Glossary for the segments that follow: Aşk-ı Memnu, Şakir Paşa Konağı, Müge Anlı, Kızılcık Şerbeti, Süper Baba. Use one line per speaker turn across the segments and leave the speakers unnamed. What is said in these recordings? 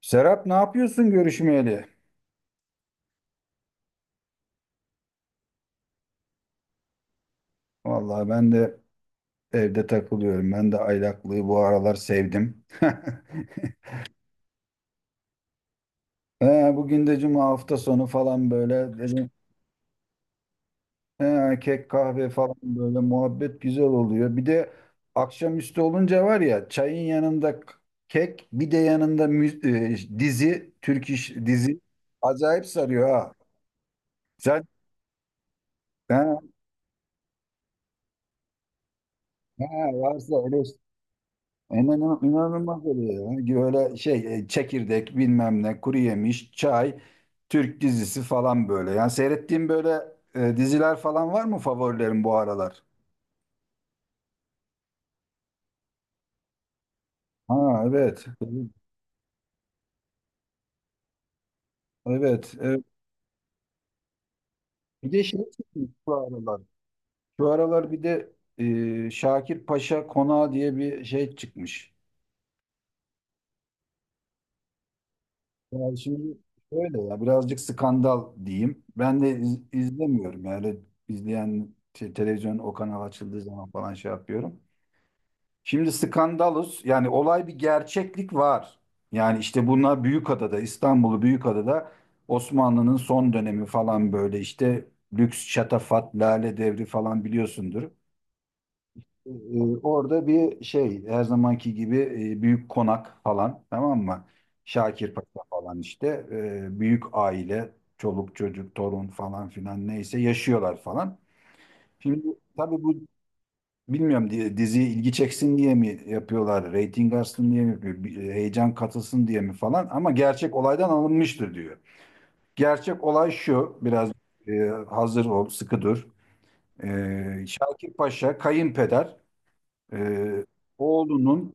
Serap, ne yapıyorsun görüşmeyeli? Vallahi ben de evde takılıyorum. Ben de aylaklığı bu aralar sevdim. He, bugün de cuma, hafta sonu falan böyle dedim. He, Kek kahve falan böyle muhabbet güzel oluyor. Bir de akşamüstü olunca var ya, çayın yanında kek, bir de yanında dizi, Türk iş dizi acayip sarıyor ha. Sen, he, he, varsa öyle İnan- İnanılmaz oluyor ya. Hani böyle şey, çekirdek bilmem ne, kuru yemiş, çay, Türk dizisi falan böyle. Yani seyrettiğim böyle diziler falan var mı favorilerin bu aralar? Ha, evet. Evet. Evet. Bir de şey çıkmış şu aralar. Şu aralar bir de Şakir Paşa Konağı diye bir şey çıkmış. Yani şimdi şöyle, ya birazcık skandal diyeyim. Ben de izlemiyorum yani, izleyen şey, televizyon o kanal açıldığı zaman falan şey yapıyorum. Şimdi, skandalus yani olay, bir gerçeklik var. Yani işte bunlar Büyükada'da, İstanbul'u, Büyükada'da Osmanlı'nın son dönemi falan böyle işte, lüks şatafat, lale devri falan, biliyorsundur. Ee, Orada bir şey, her zamanki gibi büyük konak falan, tamam mı? Şakir Paşa falan işte, büyük aile, çoluk çocuk, torun falan filan neyse, yaşıyorlar falan. Şimdi tabii bu, bilmiyorum diye, diziye ilgi çeksin diye mi yapıyorlar, reyting artsın diye mi yapıyor, bir heyecan katılsın diye mi falan, ama gerçek olaydan alınmıştır diyor. Gerçek olay şu, biraz hazır ol, sıkı dur. Şakir Paşa, kayınpeder, e, oğlunun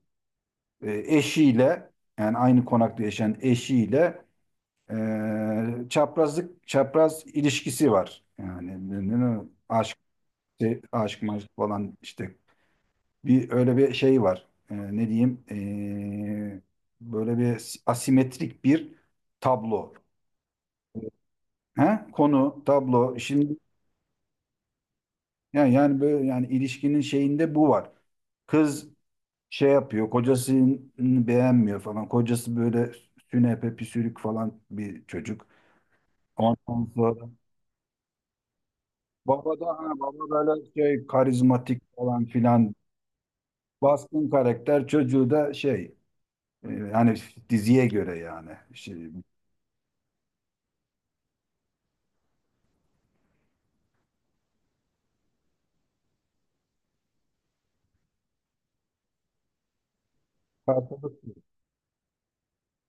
eşiyle, yani aynı konakta yaşayan eşiyle çaprazlık, çapraz ilişkisi var. Yani aşk, şey, aşk maşk falan işte, bir öyle bir şey var. Ne diyeyim? Böyle bir asimetrik bir tablo. Ha? Konu, tablo. Şimdi yani, yani böyle ilişkinin şeyinde bu var. Kız şey yapıyor, kocasını beğenmiyor falan. Kocası böyle sünepe püsürük falan bir çocuk. Ondan sonra baba da, ha, baba böyle şey, karizmatik falan filan, baskın karakter, çocuğu da şey, hani, diziye göre yani şey. Tartılırsın.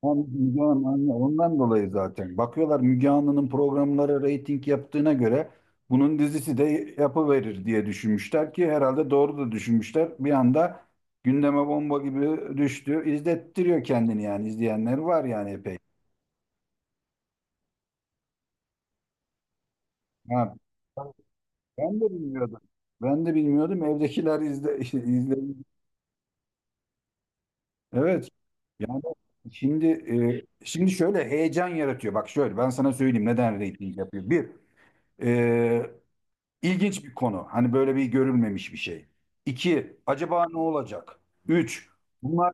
Hem Müge ondan dolayı zaten. Bakıyorlar, Müge Anlı'nın programları reyting yaptığına göre bunun dizisi de yapıverir diye düşünmüşler ki, herhalde doğru da düşünmüşler. Bir anda gündeme bomba gibi düştü. İzlettiriyor kendini, yani izleyenler var yani, epey. Ha, ben de bilmiyordum. Ben de bilmiyordum. Evdekiler izle, izledi. Evet. Yani şimdi şimdi şöyle heyecan yaratıyor. Bak, şöyle ben sana söyleyeyim neden reyting yapıyor. Bir, e, İlginç bir konu. Hani böyle bir görülmemiş bir şey. İki, acaba ne olacak? Üç, bunlar,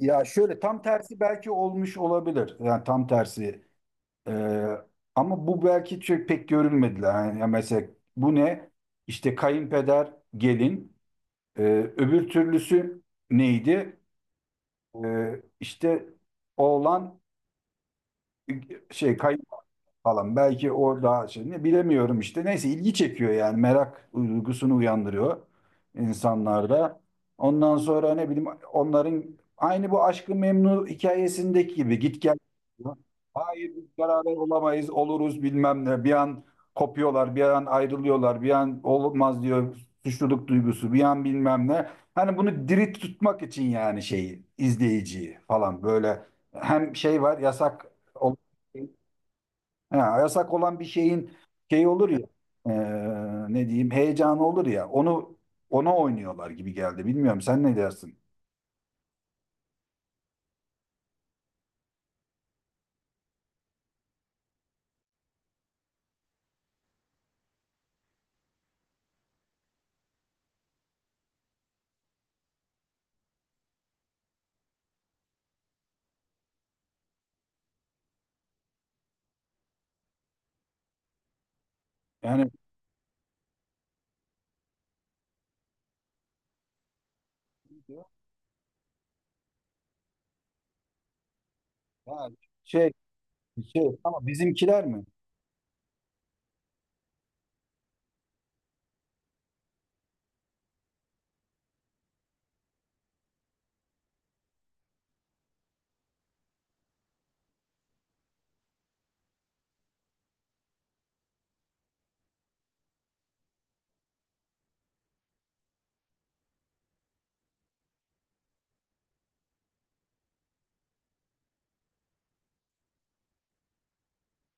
ya şöyle, tam tersi belki olmuş olabilir. Yani tam tersi. Ee, Ama bu belki çok pek görülmediler. Yani ya mesela, bu ne? İşte kayınpeder, gelin. Ee, Öbür türlüsü neydi? İşte oğlan şey, kay falan. Belki o daha şey, ne bilemiyorum işte. Neyse, ilgi çekiyor yani, merak duygusunu uyandırıyor insanlarda. Ondan sonra ne bileyim, onların aynı bu Aşk-ı Memnu hikayesindeki gibi git gel. Hayır biz beraber olamayız, oluruz bilmem ne. Bir an kopuyorlar, bir an ayrılıyorlar, bir an olmaz diyor, suçluluk duygusu bir an, bilmem ne. Hani bunu diri tutmak için yani, şeyi, izleyiciyi falan böyle, hem şey var, yasak olan Ha, yasak olan bir şeyin şey olur ya, ne diyeyim heyecanı olur ya, onu, ona oynuyorlar gibi geldi. Bilmiyorum, sen ne dersin? Yani, ha, şey şey ama bizimkiler mi?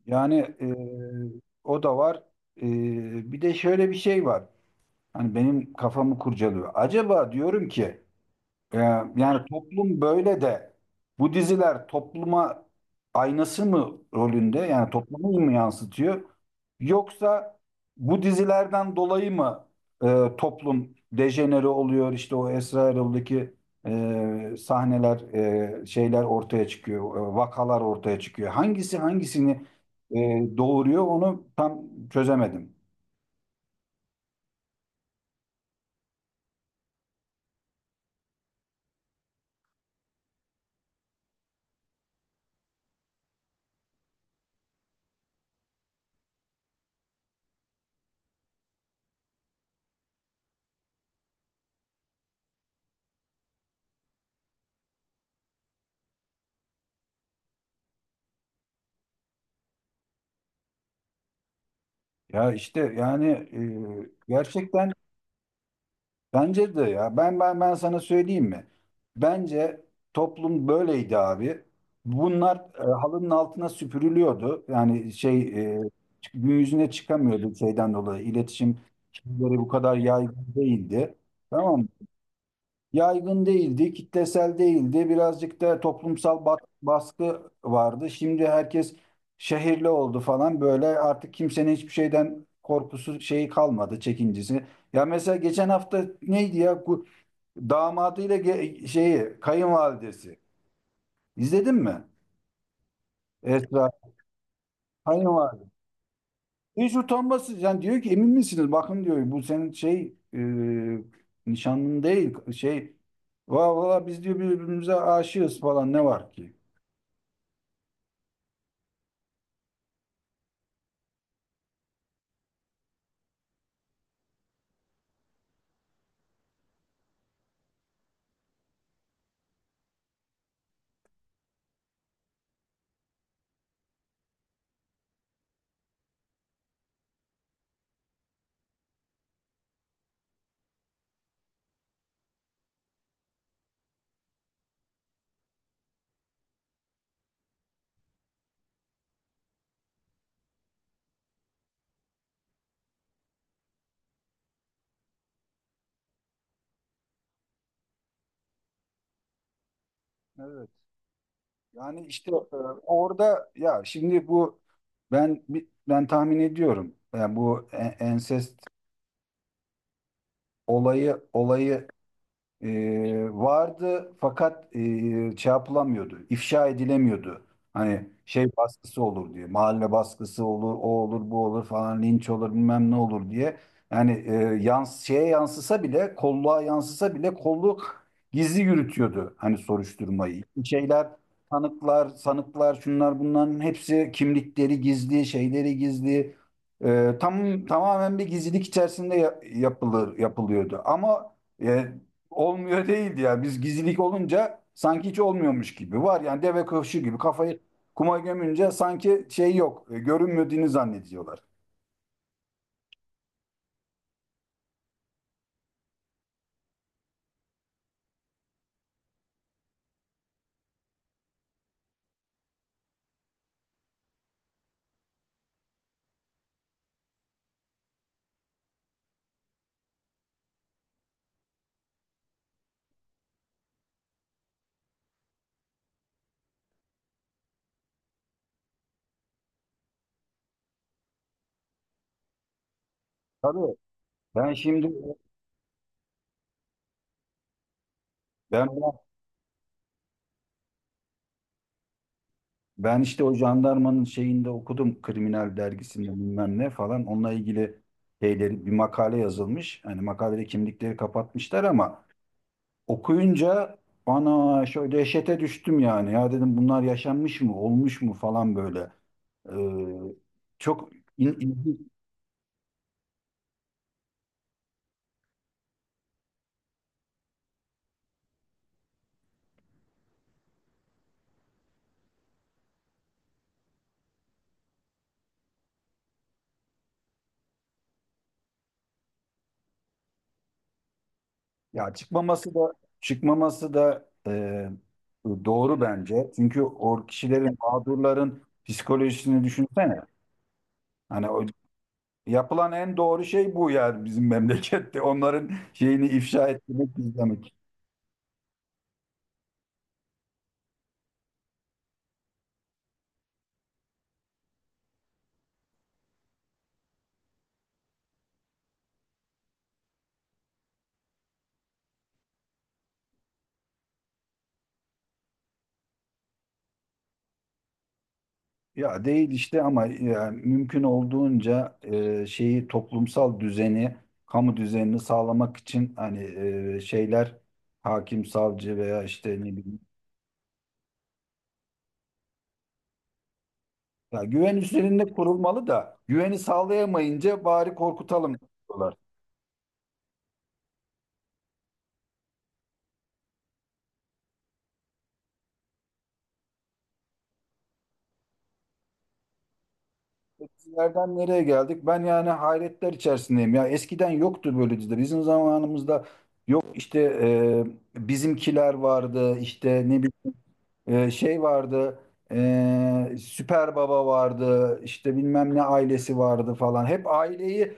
Yani e, o da var. E, Bir de şöyle bir şey var. Hani benim kafamı kurcalıyor. Acaba diyorum ki, Ee, yani toplum böyle de bu diziler topluma aynası mı rolünde, yani toplumu mu yansıtıyor, yoksa bu dizilerden dolayı mı toplum dejenere oluyor, işte o Esra Erol'daki sahneler, şeyler ortaya çıkıyor, vakalar ortaya çıkıyor, hangisi hangisini e, doğuruyor, onu tam çözemedim. Ya işte yani gerçekten. Bence de ya. Ben sana söyleyeyim mi? Bence toplum böyleydi abi. Bunlar halının altına süpürülüyordu. Yani şey, e, gün yüzüne çıkamıyordu şeyden dolayı. İletişim şeyleri bu kadar yaygın değildi. Tamam mı? Yaygın değildi, kitlesel değildi. Birazcık da toplumsal baskı vardı. Şimdi herkes şehirli oldu falan böyle, artık kimsenin hiçbir şeyden korkusu, şeyi kalmadı, çekincesi. Ya mesela geçen hafta neydi ya? Damadıyla şeyi, kayınvalidesi. İzledin mi? Esra, kayınvalide. Hiç utanmasız, yani diyor ki, emin misiniz? Bakın diyor, bu senin şey nişanlın değil şey, valla valla biz diyor birbirimize aşığız falan, ne var ki? Evet. Yani işte orada, ya şimdi bu, ben ben tahmin ediyorum. Yani bu ensest olayı vardı, fakat şey yapılamıyordu, ifşa edilemiyordu. Hani şey baskısı olur diye, mahalle baskısı olur, o olur, bu olur falan, linç olur, bilmem ne olur diye. Yani e, yans şeye yansısa bile, kolluğa yansısa bile kolluk gizli yürütüyordu hani soruşturmayı. İşte şeyler, tanıklar, sanıklar, şunlar bunların hepsi kimlikleri gizli, şeyleri gizli. Tamamen bir gizlilik içerisinde ya- yapılır yapılıyordu. Ama e, olmuyor değildi ya. Biz, gizlilik olunca sanki hiç olmuyormuş gibi. Var yani, deve kuşu gibi kafayı kuma gömünce sanki şey yok. Görünmediğini zannediyorlar. Tabii, ben şimdi ben ben işte o jandarmanın şeyinde okudum, kriminal dergisinde bilmem ne falan, onunla ilgili şeyleri bir makale yazılmış. Hani makalede kimlikleri kapatmışlar, ama okuyunca ana, şöyle dehşete düştüm yani. Ya dedim, bunlar yaşanmış mı, olmuş mu falan böyle. Ee, Çok in- in- ya, çıkmaması da, çıkmaması da e, doğru bence. Çünkü o kişilerin, mağdurların psikolojisini düşünsene. Hani o, yapılan en doğru şey bu yani, bizim memlekette. Onların şeyini ifşa etmek, izlemek. Ya değil işte, ama yani mümkün olduğunca şeyi, toplumsal düzeni, kamu düzenini sağlamak için hani şeyler, hakim, savcı veya işte ne bileyim, ya güven üzerinde kurulmalı da, güveni sağlayamayınca bari korkutalım diyorlar. Dizilerden nereye geldik? Ben yani hayretler içerisindeyim. Ya eskiden yoktu böyle diziler. Bizim zamanımızda yok işte, bizimkiler vardı, işte ne bileyim şey vardı, Süper Baba vardı, işte bilmem ne ailesi vardı falan. Hep aileyi,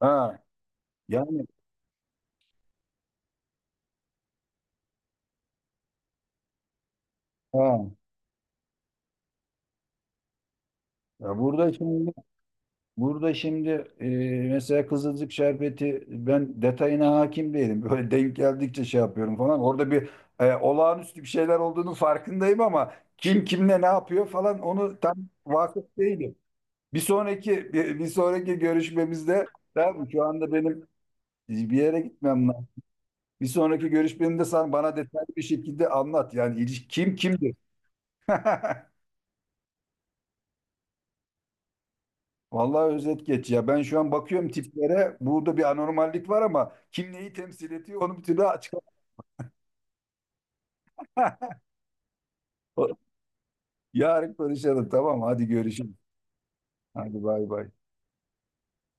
ha, yani ha. Ya burada şimdi, Burada şimdi e, mesela Kızılcık Şerbeti, ben detayına hakim değilim. Böyle denk geldikçe şey yapıyorum falan. Orada bir olağanüstü bir şeyler olduğunu farkındayım, ama kim kimle ne yapıyor falan, onu tam vakıf değilim. Bir sonraki görüşmemizde, tamam mı? Şu anda benim bir yere gitmem lazım. Bir sonraki görüşmemde sen bana detaylı bir şekilde anlat. Yani, kim kimdir? Vallahi özet geç ya. Ben şu an bakıyorum tiplere. Burada bir anormallik var, ama kim neyi temsil ediyor onu bir türlü açık. Yarın konuşalım, tamam. Hadi görüşürüz. Hadi bay bay.